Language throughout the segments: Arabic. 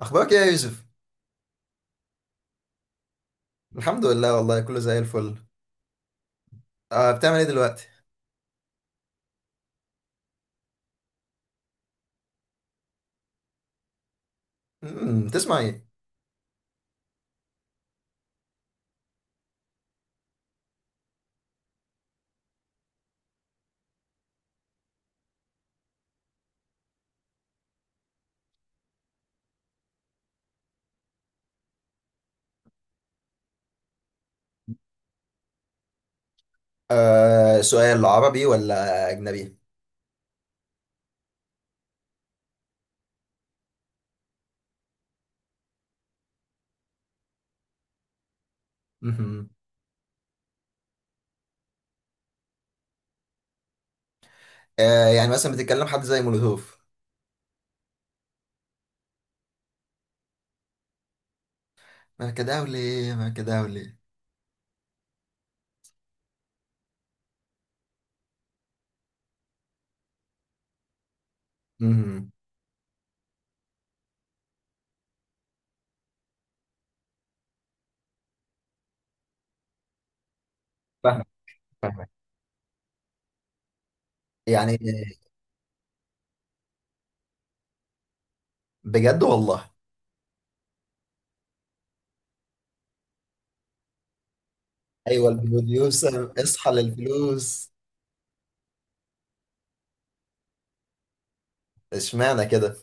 اخبارك ايه يا يوسف؟ الحمد لله، والله كله زي الفل. آه، بتعمل ايه دلوقتي؟ تسمع ايه؟ آه، سؤال عربي ولا اجنبي؟ مهم. آه، يعني مثلا بتتكلم حد زي مولوتوف. ما كداولي، ما كداولي. امم فاهمك، فاهمك، يعني، بجد والله. ايوه، البروديوسر اصحى للفلوس. اشمعنى كده؟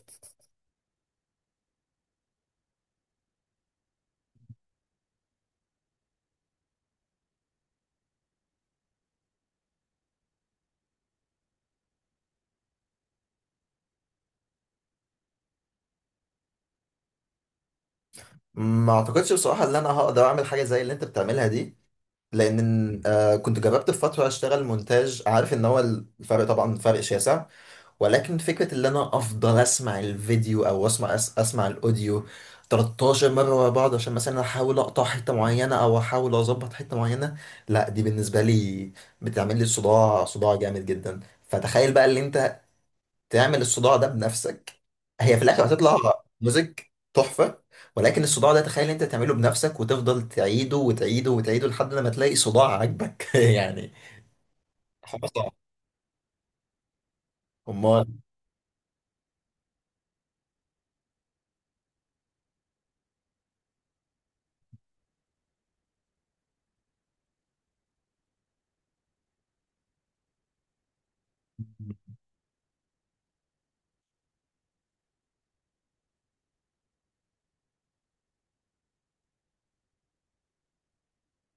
ما اعتقدش بصراحه ان انا هقدر اعمل حاجه زي اللي انت بتعملها دي. لان كنت جربت في فتره اشتغل مونتاج، عارف ان هو الفرق طبعا فرق شاسع. ولكن فكرة اللي انا افضل اسمع الفيديو او اسمع اسمع الاوديو 13 مرة ورا بعض، عشان مثلا احاول اقطع حتة معينة او احاول اظبط حتة معينة. لا، دي بالنسبة لي بتعمل لي صداع، صداع جامد جدا. فتخيل بقى اللي انت تعمل الصداع ده بنفسك. هي في الاخر هتطلع ميوزك تحفة. ولكن الصداع ده تخيل انت تعمله بنفسك، وتفضل تعيده وتعيده وتعيده لحد لما تلاقي صداع عاجبك يعني. حوار صعب. امال.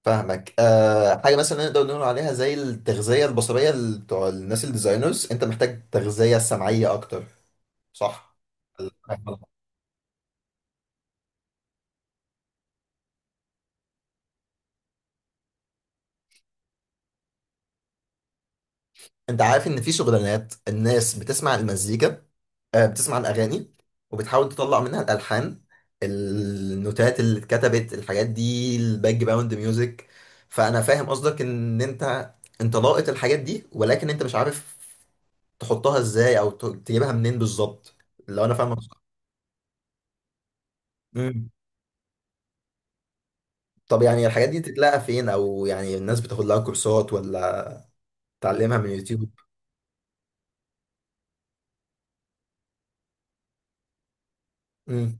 فاهمك، حاجه مثلا نقدر نقول عليها زي التغذيه البصريه، بتوع الناس الديزاينرز، انت محتاج تغذيه سمعيه اكتر. صح. انت عارف ان في شغلانات الناس بتسمع المزيكا؟ أه، بتسمع الاغاني وبتحاول تطلع منها الالحان، النوتات اللي اتكتبت، الحاجات دي الباك جراوند ميوزك. فانا فاهم قصدك ان انت لاقط الحاجات دي، ولكن انت مش عارف تحطها ازاي او تجيبها منين بالظبط، لو انا فاهمك. صح؟ طب يعني الحاجات دي تتلاقى فين، او يعني الناس بتاخد لها كورسات ولا تعلمها من يوتيوب؟ امم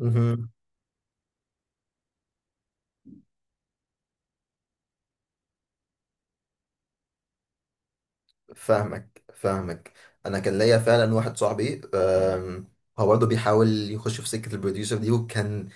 امم فاهمك، فاهمك. انا كان ليا فعلا واحد صاحبي، هو برضه بيحاول يخش في سكة البروديوسر دي، وكان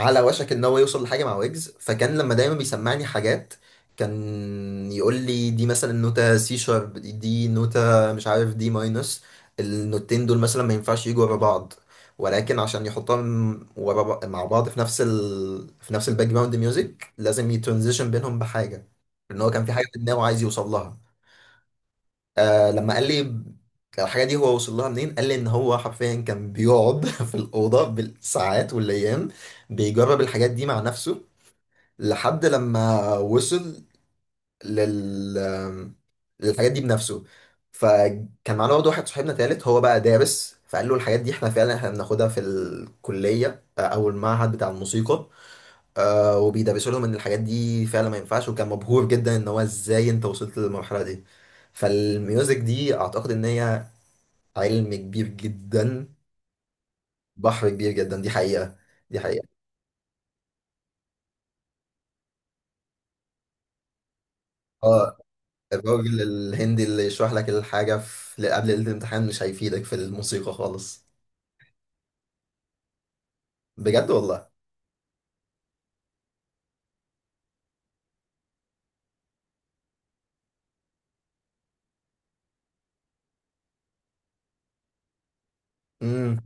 على وشك ان هو يوصل لحاجه مع ويجز. فكان لما دايما بيسمعني حاجات، كان يقول لي دي مثلا نوتة سي شارب، دي نوتة مش عارف، دي ماينس. النوتين دول مثلا ما ينفعش يجوا ورا بعض. ولكن عشان يحطهم ورا مع بعض في نفس في نفس الباك جراوند ميوزك، لازم يترانزيشن بينهم بحاجه، لان هو كان في حاجه في دماغه عايز يوصل لها. آه، لما قال لي الحاجة دي هو وصل لها منين، قال لي ان هو حرفيا كان بيقعد في الأوضة بالساعات والأيام بيجرب الحاجات دي مع نفسه، لحد لما وصل لل للحاجات دي بنفسه. فكان معانا برضه واحد صاحبنا تالت هو بقى دارس، فقال له الحاجات دي احنا فعلا احنا بناخدها في الكلية، او المعهد بتاع الموسيقى. آه، وبيدرسوا لهم ان الحاجات دي فعلا ما ينفعش، وكان مبهور جدا ان هو ازاي انت وصلت للمرحله دي. فالميوزك دي اعتقد ان هي علم كبير جدا. بحر كبير جدا، دي حقيقه، دي حقيقه. اه، الراجل الهندي اللي يشرح لك الحاجه في قبل ليله الامتحان مش هيفيدك في الموسيقى خالص. بجد والله. امم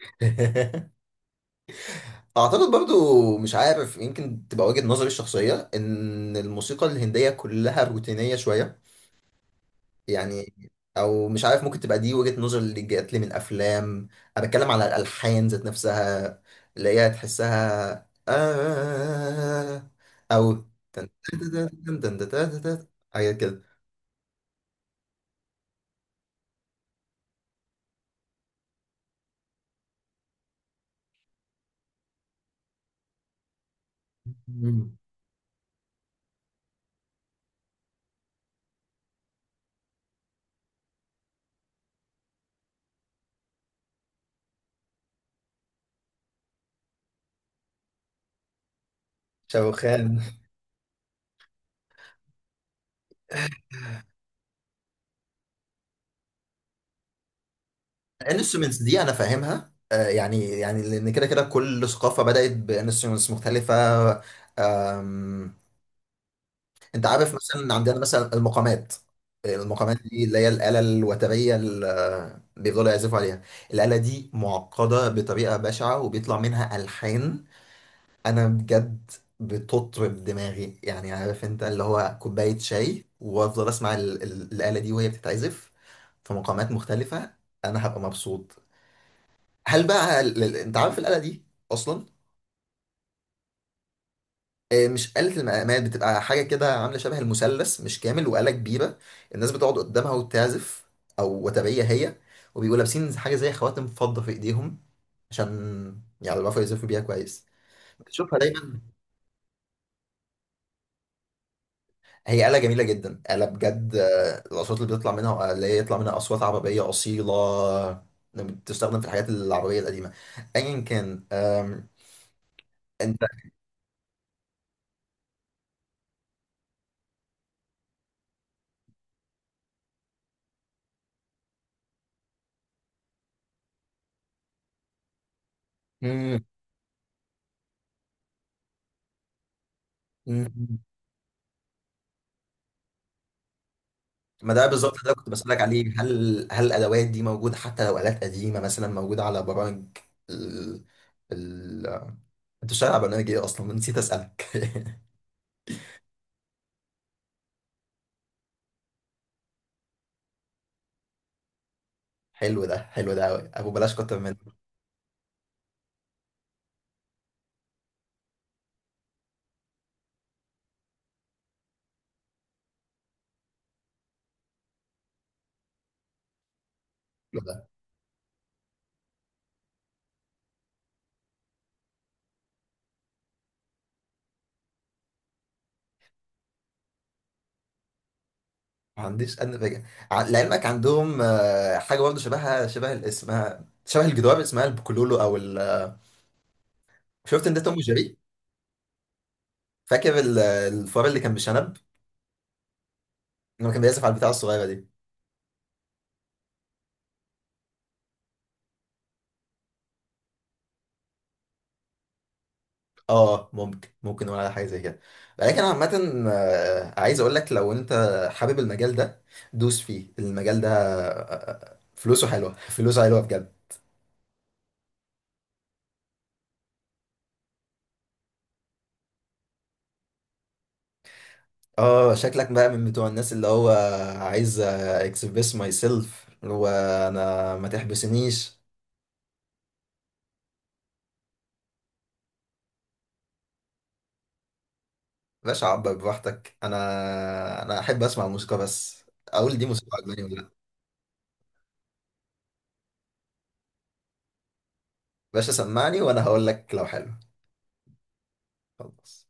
اعتقد برضو، مش عارف، يمكن تبقى وجهة نظري الشخصيه ان الموسيقى الهنديه كلها روتينيه شويه، يعني. او مش عارف، ممكن تبقى دي وجهة نظر اللي جات لي من افلام. انا بتكلم على الالحان ذات نفسها، اللي هي تحسها، آه او حاجات كده. مم. شوخان. الانسترومنتس دي انا فاهمها، يعني، يعني لان كده كده كل ثقافه بدات بانسترومنتس مختلفه. انت عارف مثلا عندنا مثلا المقامات. المقامات دي اللي هي الآلة الوترية اللي بيفضلوا يعزفوا عليها. الآلة دي معقدة بطريقة بشعة وبيطلع منها ألحان. أنا بجد بتطرب دماغي، يعني عارف انت اللي هو كوباية شاي وافضل اسمع الآلة دي وهي بتتعزف في مقامات مختلفة، انا هبقى مبسوط. هل بقى، انت عارف الآلة دي اصلا؟ آه، مش آلة المقامات، بتبقى حاجة كده عاملة شبه المثلث مش كامل، وآلة كبيرة. الناس بتقعد قدامها وتعزف، أو وتبية هي، وبيبقوا لابسين حاجة زي خواتم فضة في إيديهم عشان يعرفوا يعزفوا بيها كويس. بتشوفها دايما. هي آلة جميلة جدا، آلة بجد، الأصوات اللي بيطلع منها، اللي هي يطلع منها أصوات عربية أصيلة، بتستخدم في الحاجات العربية القديمة، أيا كان. أنت. مم. ما ده بالظبط اللي أنا كنت بسألك عليه، هل الأدوات دي موجودة حتى لو آلات قديمة مثلا موجودة على برامج؟ ال ال أنت شغال على برنامج إيه أصلا؟ نسيت أسألك حلو ده، حلو ده أوي، أبو بلاش كتر منه. حلو ده. ما عنديش أدنى فكرة. لعلمك عندهم، حاجة برضه شبهها، شبه اسمها، شبه الجدار، اسمها البوكلولو أو شفت إن ده توم وجيري. فاكر الفار اللي كان بشنب لما كان بيعزف على البتاعة الصغيرة دي؟ اه، ممكن، ممكن نقول على حاجه زي كده. لكن عامه، عايز اقول لك لو انت حابب المجال ده، دوس فيه، المجال ده فلوسه حلوه فلوسه حلوه بجد. اه، شكلك بقى من بتوع الناس اللي هو عايز اكسبريس ماي سيلف وانا ما تحبسنيش. باشا، عبر براحتك، انا احب اسمع الموسيقى بس اقول دي موسيقى عجباني ولا لا. باشا سمعني وانا هقول لك لو حلو. خلاص.